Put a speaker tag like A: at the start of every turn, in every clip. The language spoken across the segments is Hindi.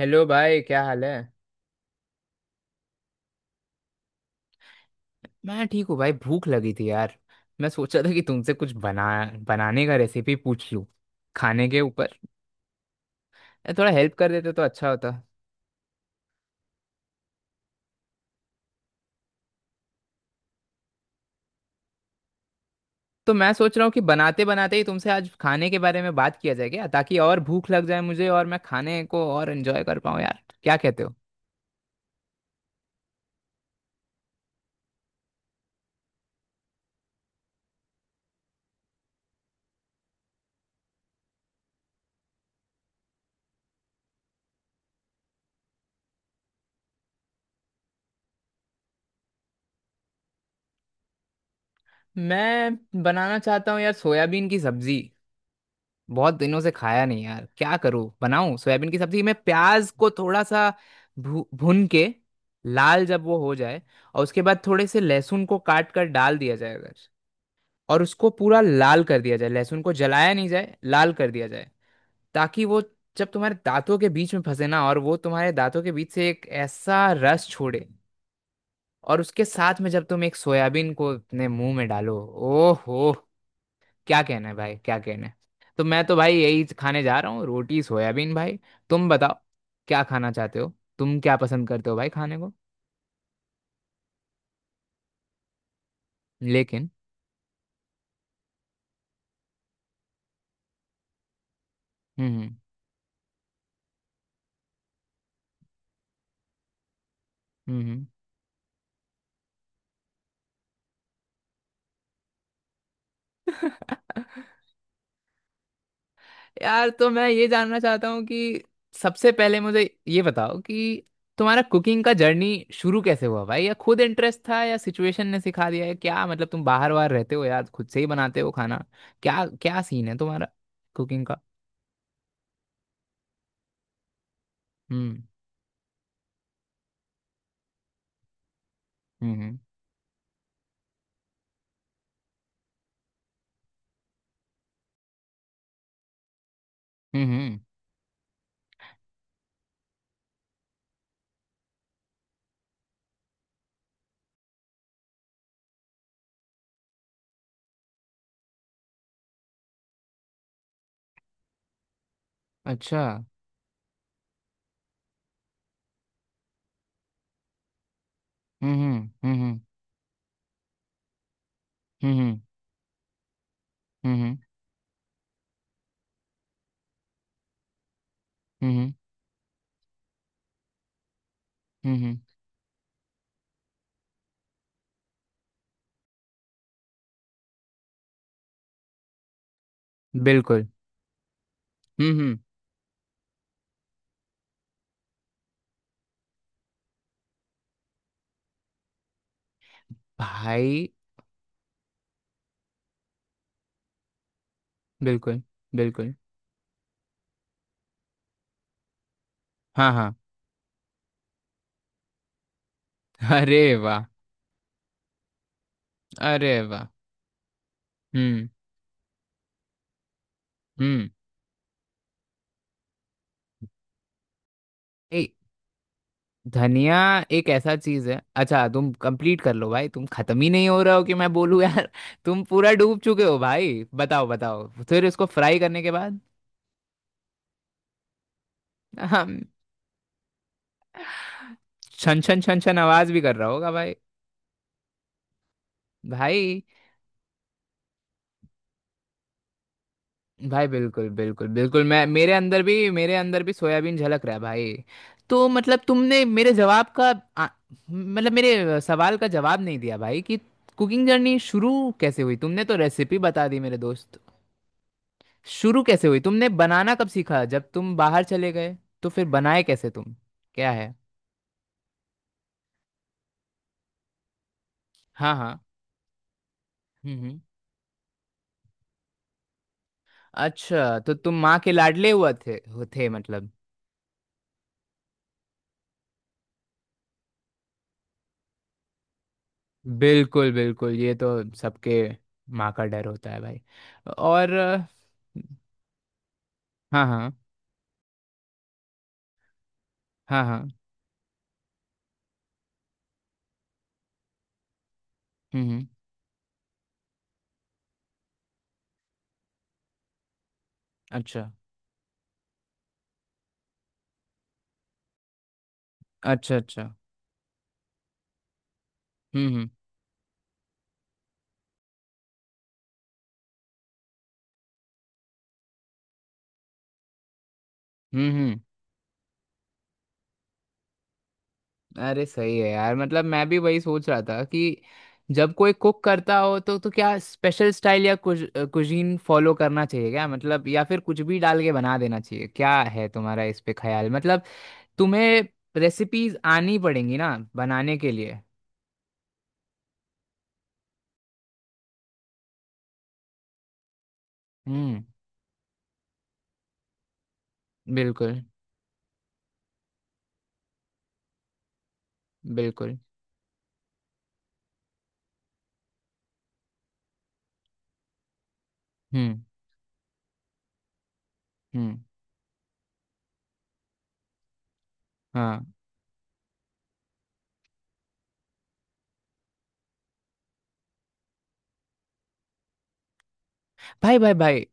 A: हेलो भाई, क्या हाल है। मैं ठीक हूँ भाई, भूख लगी थी यार। मैं सोचा था कि तुमसे कुछ बनाने का रेसिपी पूछ लूँ खाने के ऊपर। थोड़ा हेल्प कर देते तो अच्छा होता। तो मैं सोच रहा हूँ कि बनाते बनाते ही तुमसे आज खाने के बारे में बात किया जाए क्या, ताकि और भूख लग जाए मुझे और मैं खाने को और एंजॉय कर पाऊँ यार, क्या कहते हो। मैं बनाना चाहता हूँ यार सोयाबीन की सब्जी। बहुत दिनों से खाया नहीं यार, क्या करूँ, बनाऊं सोयाबीन की सब्जी। मैं प्याज को थोड़ा सा भून के लाल जब वो हो जाए, और उसके बाद थोड़े से लहसुन को काट कर डाल दिया जाए, अगर, और उसको पूरा लाल कर दिया जाए, लहसुन को जलाया नहीं जाए, लाल कर दिया जाए, ताकि वो जब तुम्हारे दांतों के बीच में फंसे ना, और वो तुम्हारे दांतों के बीच से एक ऐसा रस छोड़े, और उसके साथ में जब तुम एक सोयाबीन को अपने मुंह में डालो, ओहो, क्या कहना है भाई, क्या कहना है। तो मैं तो भाई यही खाने जा रहा हूँ, रोटी सोयाबीन भाई। तुम बताओ, क्या खाना चाहते हो, तुम क्या पसंद करते हो भाई खाने को। लेकिन। हम्म। हम्म। हम्म। यार, तो मैं ये जानना चाहता हूँ कि सबसे पहले मुझे ये बताओ कि तुम्हारा कुकिंग का जर्नी शुरू कैसे हुआ भाई, या खुद इंटरेस्ट था या सिचुएशन ने सिखा दिया है, क्या मतलब, तुम बाहर बाहर रहते हो यार, खुद से ही बनाते हो खाना। क्या क्या सीन है तुम्हारा कुकिंग का। हम्म हम्म। हम्म। अच्छा। हम्म हम्म। हम्म। हम्म। हम्म, हम्म, हम्म, हम्म। बिल्कुल। हम्म हम्म। भाई। बिल्कुल बिल्कुल। हाँ हाँ। अरे वाह। अरे वाह। हम्म हम्म। ए धनिया एक ऐसा चीज है। अच्छा, तुम कंप्लीट कर लो भाई, तुम खत्म ही नहीं हो रहे हो कि मैं बोलूँ यार। तुम पूरा डूब चुके हो भाई, बताओ बताओ फिर, इसको फ्राई करने के बाद। हम छन छन छन छन आवाज भी कर रहा होगा भाई। भाई भाई। बिल्कुल बिल्कुल बिल्कुल। मैं मेरे अंदर भी, मेरे अंदर भी सोयाबीन झलक रहा है भाई। तो मतलब तुमने मेरे जवाब का, आ, मतलब मेरे सवाल का जवाब नहीं दिया भाई, कि कुकिंग जर्नी शुरू कैसे हुई, तुमने तो रेसिपी बता दी मेरे दोस्त। शुरू कैसे हुई, तुमने बनाना कब सीखा, जब तुम बाहर चले गए तो फिर बनाए कैसे तुम, क्या है। हाँ हाँ। हम्म हम्म। अच्छा, तो तुम माँ के लाडले हुआ थे हो थे मतलब। बिल्कुल बिल्कुल, ये तो सबके माँ का डर होता है भाई। और अ, हाँ हाँ। हाँ हाँ। हम्म हम्म, अच्छा अच्छा। अच्छा। हम्म। हम्म हम्म, अरे सही है यार, मतलब मैं भी वही सोच रहा था कि जब कोई कुक करता हो तो क्या स्पेशल स्टाइल या कुजीन फॉलो करना चाहिए क्या मतलब, या फिर कुछ भी डाल के बना देना चाहिए, क्या है तुम्हारा इस पे ख्याल मतलब। तुम्हें रेसिपीज आनी पड़ेंगी ना बनाने के लिए। हम्म। बिल्कुल। बिल्कुल। हम्म हम्म। हाँ। भाई भाई भाई,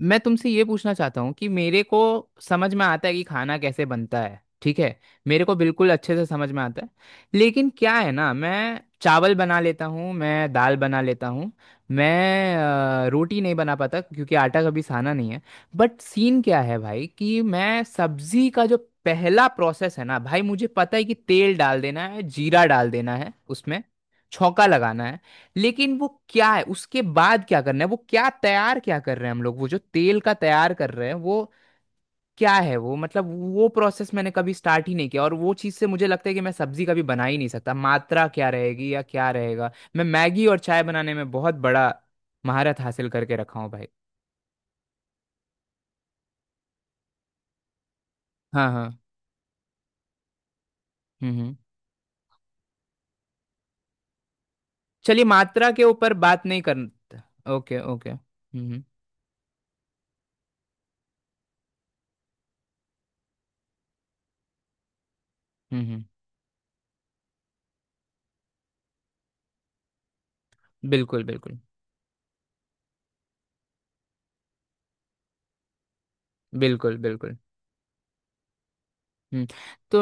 A: मैं तुमसे ये पूछना चाहता हूँ कि मेरे को समझ में आता है कि खाना कैसे बनता है, ठीक है, मेरे को बिल्कुल अच्छे से समझ में आता है। लेकिन क्या है ना, मैं चावल बना लेता हूँ, मैं दाल बना लेता हूँ, मैं रोटी नहीं बना पाता क्योंकि आटा कभी साना नहीं है। बट सीन क्या है भाई, कि मैं सब्जी का जो पहला प्रोसेस है ना भाई, मुझे पता है कि तेल डाल देना है, जीरा डाल देना है, उसमें छौंका लगाना है। लेकिन वो क्या है, उसके बाद क्या करना है, वो क्या तैयार क्या कर रहे हैं हम लोग, वो जो तेल का तैयार कर रहे हैं, वो क्या है वो मतलब। वो प्रोसेस मैंने कभी स्टार्ट ही नहीं किया और वो चीज़ से मुझे लगता है कि मैं सब्जी कभी बना ही नहीं सकता। मात्रा क्या रहेगी या क्या रहेगा। मैं मैगी और चाय बनाने में बहुत बड़ा महारत हासिल करके रखा हूँ भाई। हाँ हाँ। हम्म। चलिए, मात्रा के ऊपर बात नहीं करना। Okay okay. हम्म। हम्म हम्म। बिल्कुल बिल्कुल। बिल्कुल बिल्कुल। हम्म, तो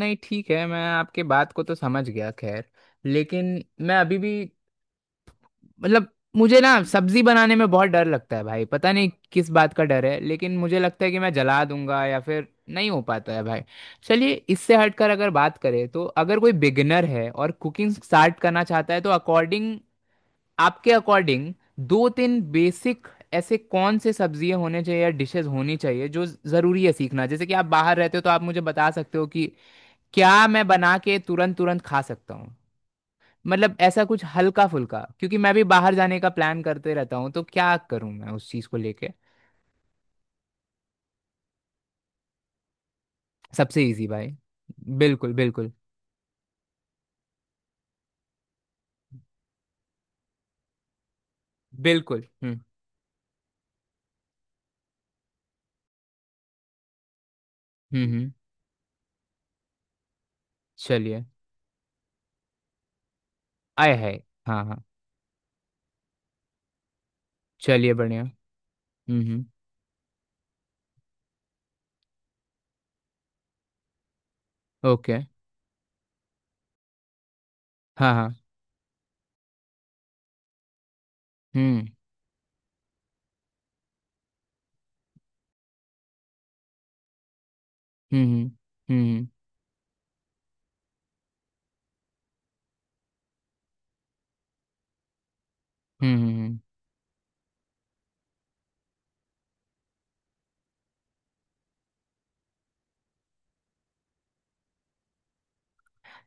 A: नहीं ठीक है, मैं आपके बात को तो समझ गया खैर, लेकिन मैं अभी भी मतलब मुझे ना सब्जी बनाने में बहुत डर लगता है भाई, पता नहीं किस बात का डर है, लेकिन मुझे लगता है कि मैं जला दूंगा या फिर नहीं हो पाता है भाई। चलिए इससे हटकर अगर बात करें, तो अगर कोई बिगिनर है और कुकिंग स्टार्ट करना चाहता है तो अकॉर्डिंग, आपके अकॉर्डिंग, दो तीन बेसिक ऐसे कौन से सब्जियां होने चाहिए या डिशेस होनी चाहिए जो ज़रूरी है सीखना, जैसे कि आप बाहर रहते हो तो आप मुझे बता सकते हो कि क्या मैं बना के तुरंत तुरंत खा सकता हूँ, मतलब ऐसा कुछ हल्का फुल्का, क्योंकि मैं भी बाहर जाने का प्लान करते रहता हूँ, तो क्या करूँ मैं उस चीज़ को लेके। सबसे इजी भाई। बिल्कुल बिल्कुल बिल्कुल। हम्म। हम्म। चलिए। आए है। हाँ हाँ। चलिए बढ़िया। हम्म। ओके। हाँ हाँ। हम्म हम्म। हम्म। हम्म हम्म, हम्म।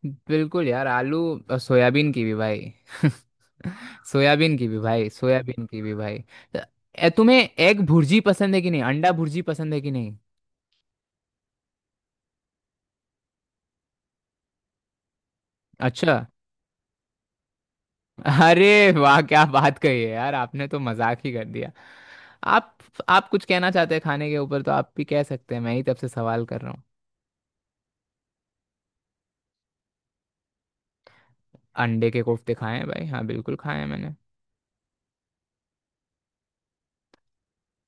A: बिल्कुल यार आलू और सोयाबीन की भी भाई। सोयाबीन की भी भाई, सोयाबीन की भी भाई। त- तुम्हें एग भुर्जी पसंद है कि नहीं, अंडा भुर्जी पसंद है कि नहीं। अच्छा, अरे वाह, क्या बात कही है यार, आपने तो मजाक ही कर दिया। आप आप कुछ कहना चाहते हैं खाने के ऊपर तो आप भी कह सकते हैं, मैं ही तब से सवाल कर रहा हूँ। अंडे के कोफ्ते खाए हैं भाई, हाँ बिल्कुल खाए हैं मैंने।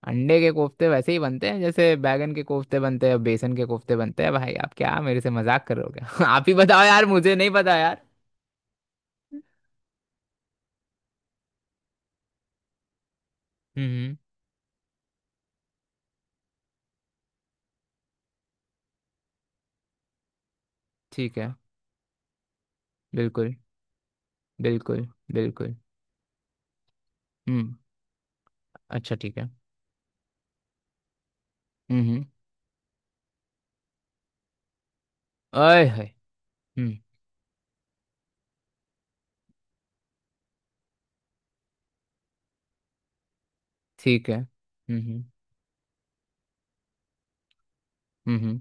A: अंडे के कोफ्ते वैसे ही बनते हैं जैसे बैगन के कोफ्ते बनते हैं, बेसन के कोफ्ते बनते हैं भाई, आप क्या मेरे से मजाक कर रहे हो क्या। आप ही बताओ यार, मुझे नहीं पता यार। हम्म। ठीक है। बिल्कुल बिल्कुल। बिल्कुल। हम्म। अच्छा, ठीक है। हम्म। आय है। हम्म। ठीक है। हम्म। हम्म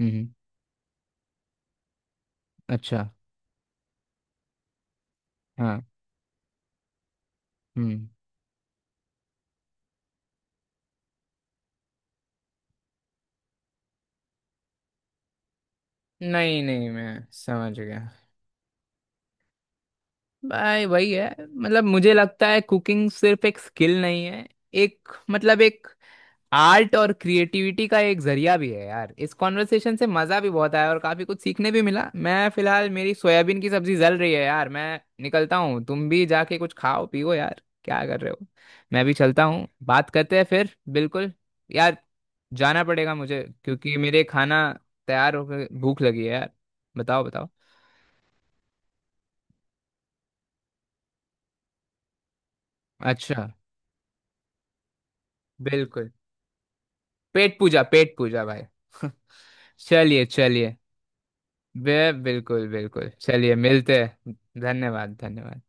A: हम्म। अच्छा। हाँ। हम्म। नहीं नहीं, मैं समझ गया। भाई वही है, मतलब मुझे लगता है कुकिंग सिर्फ एक स्किल नहीं है, एक मतलब एक आर्ट और क्रिएटिविटी का एक जरिया भी है यार। इस कॉन्वर्सेशन से मज़ा भी बहुत आया और काफ़ी कुछ सीखने भी मिला। मैं फिलहाल मेरी सोयाबीन की सब्जी जल रही है यार, मैं निकलता हूँ, तुम भी जाके कुछ खाओ पियो यार, क्या कर रहे हो। मैं भी चलता हूँ, बात करते हैं फिर, बिल्कुल। यार जाना पड़ेगा मुझे क्योंकि मेरे खाना तैयार होकर भूख लगी है यार। बताओ बताओ। अच्छा। बिल्कुल। पेट पूजा, पेट पूजा भाई। चलिए चलिए। बे बिल्कुल बिल्कुल, चलिए मिलते हैं। धन्यवाद धन्यवाद।